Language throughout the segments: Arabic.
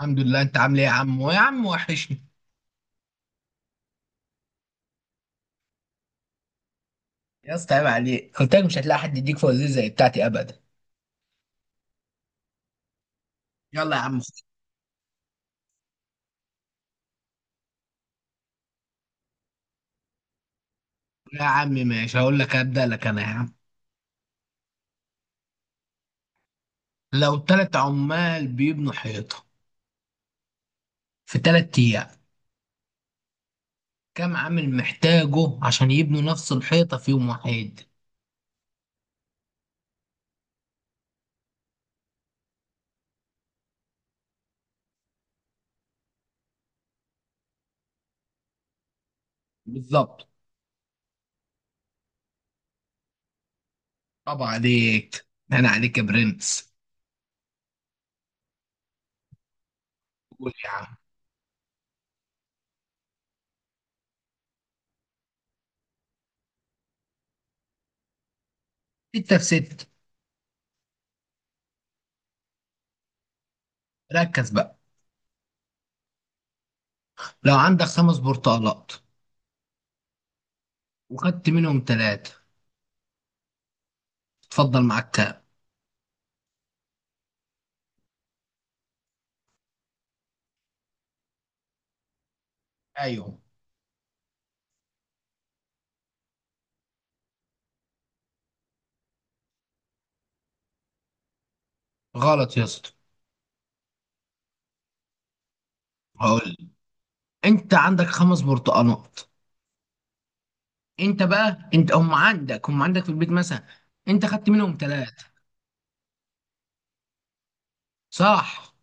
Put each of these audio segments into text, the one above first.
الحمد لله. انت عامل ايه يا عم؟ ويا عم وحشني. يا اسطى عيب عليك، قلت لك مش هتلاقي حد يديك فوازير زي بتاعتي ابدا. يلا يا عم خش. يا عم ماشي، هقول لك ابدا لك انا يا عم. لو 3 عمال بيبنوا حيطه في 3 ايام، كم عامل محتاجه عشان يبنوا نفس الحيطه في يوم واحد؟ بالظبط. طبعا عليك. انا عليك يا برنس. قول يا عم. ستة في ستة. ركز بقى. لو عندك 5 برتقالات وخدت منهم 3، اتفضل معاك كام؟ ايوه. غلط يا اسطى. هقول. انت عندك 5 برتقانات. انت هم عندك في البيت مثلا. انت خدت منهم 3، صح؟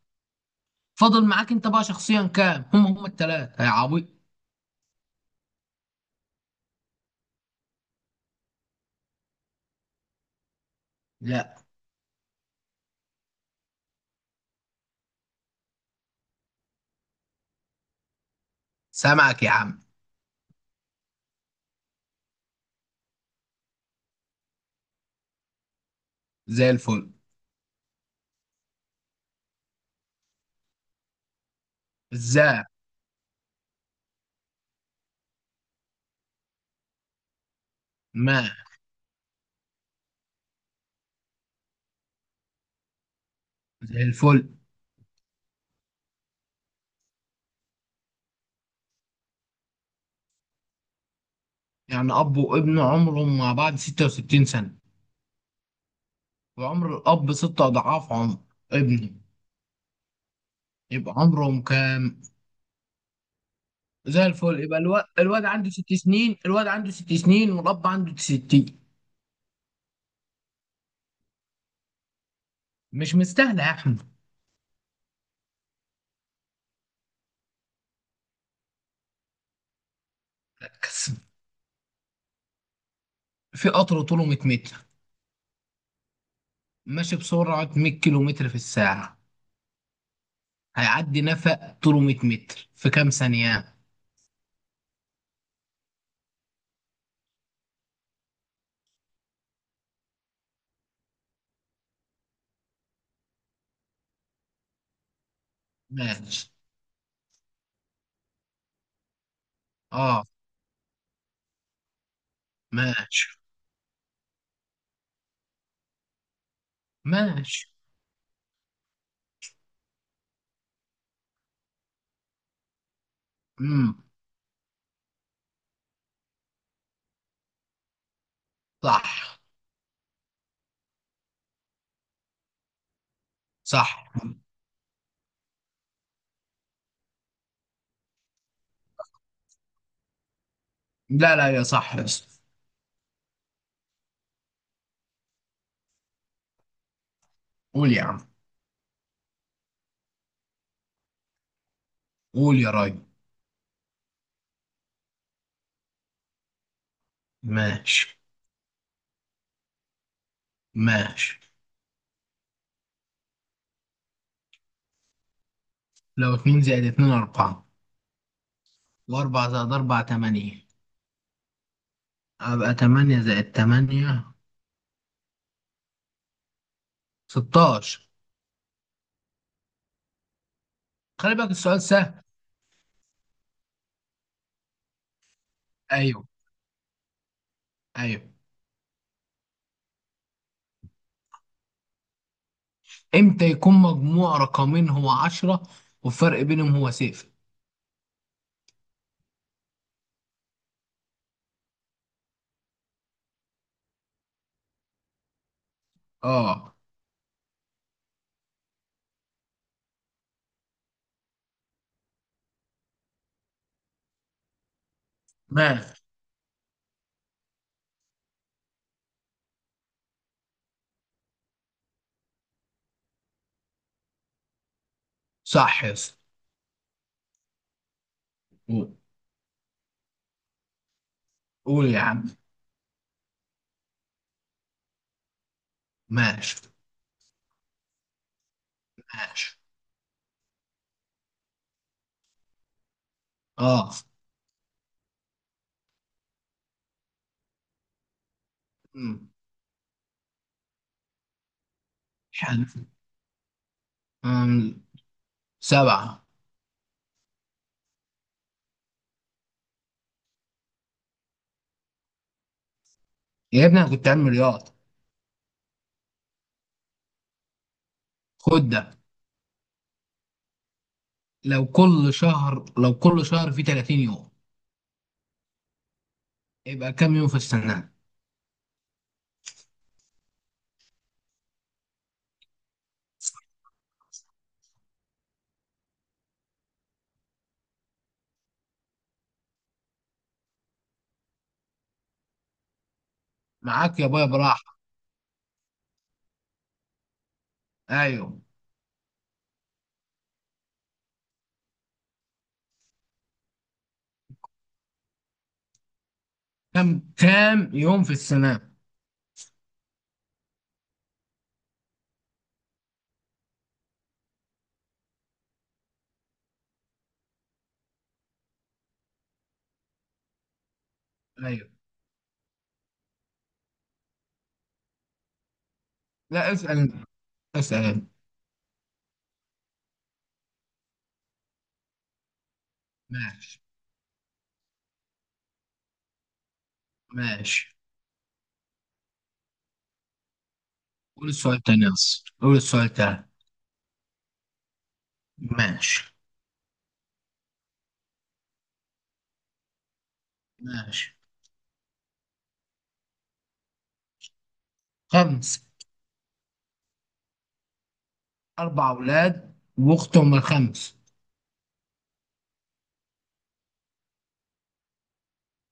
فاضل معاك انت بقى شخصيا كام؟ هم 3 يا عبيط. لا. سامعك يا عم. زي الفل. ازاي؟ ما زي الفل. يعني اب وابن عمرهم مع بعض 66 سنة، وعمر الاب 6 اضعاف عمر ابنه، يبقى عمرهم كام؟ زي الفل. يبقى الواد عنده ست سنين والاب عنده 60. مش مستاهله يا احمد. مركز. في قطر طوله 100 متر، ماشي بسرعة 100 كيلو متر في الساعة، هيعدي نفق طوله 100 متر في كام ثانية؟ ماشي. اه. ماشي. ماشي. امم صح. صح. لا لا، يا صح يا اسطى. قول يا عم. قول يا راجل. ماشي. ماشي. لو 2 زائد 2 4، و4 زائد 4 8، أبقى 8 زائد 8 16. خلي بالك السؤال سهل. أيوه. أيوه. امتى يكون مجموع رقمين هو 10 والفرق بينهم هو 0؟ اه. ماشي. صح يا اسطى. قول. قول يا عم. ماشي. ماشي. اه. أمم. حلو. أمم. 7. يا ابني انا كنت علمي رياضة. خد ده. لو كل شهر فيه 30 يوم، يبقى كام يوم في السنة؟ معاك يا بابا براحة. ايوه. كام يوم في السنة؟ ايوه. لا اسأل انت. اسأل انت. ماشي. ماشي. قول السؤال تاني يا اسطى، قول السؤال تاني. ماشي. ماشي. خمس. 4 أولاد وأختهم الخمس.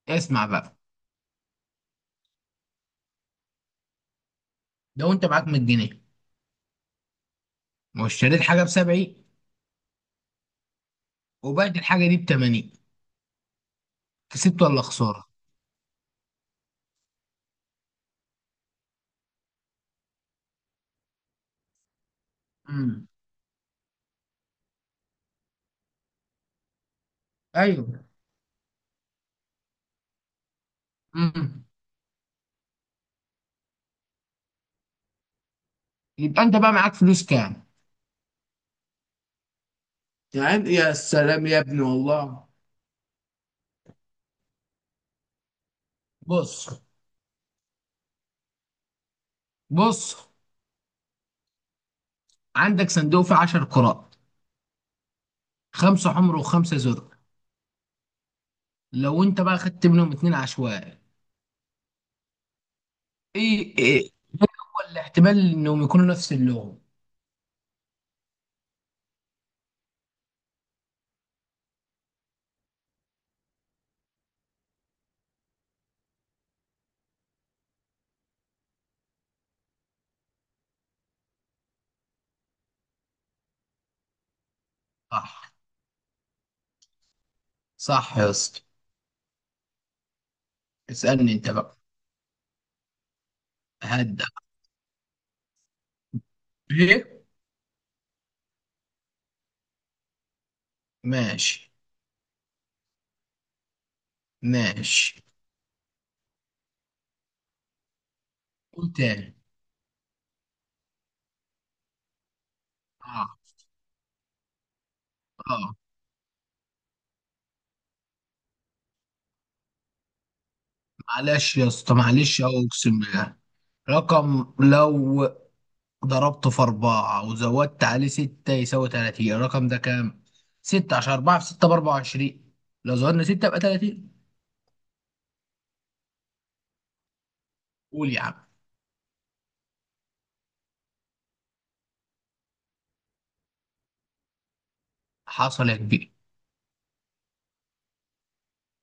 اسمع بقى. لو أنت معاك 100 جنيه، واشتريت حاجة بسبعين، وبعت الحاجة دي بتمانين، كسبت ولا خسارة؟ امم. ايوه. امم. يبقى أنت بقى معاك فلوس كام؟ يعني يا سلام يا ابني والله. بص. بص. عندك صندوق فيه 10 كرات، 5 حمر وخمسة زرق. لو أنت بقى خدت منهم 2 عشوائي، إيه، الاحتمال انهم يكونوا نفس اللغة؟ صح. صح يا اسطى. اسألني انت بقى. هدا. ايه. ماشي. ماشي. قول تاني. اه. اه. معلش يا اسطى، معلش اقسم بالله. رقم لو ضربته في 4 وزودت عليه 6 يساوي 30، الرقم ده كام؟ 6، عشان 4 في 6 بـ24، لو زودنا 6 يبقى 30. قول يا عم. حصل يا كبير.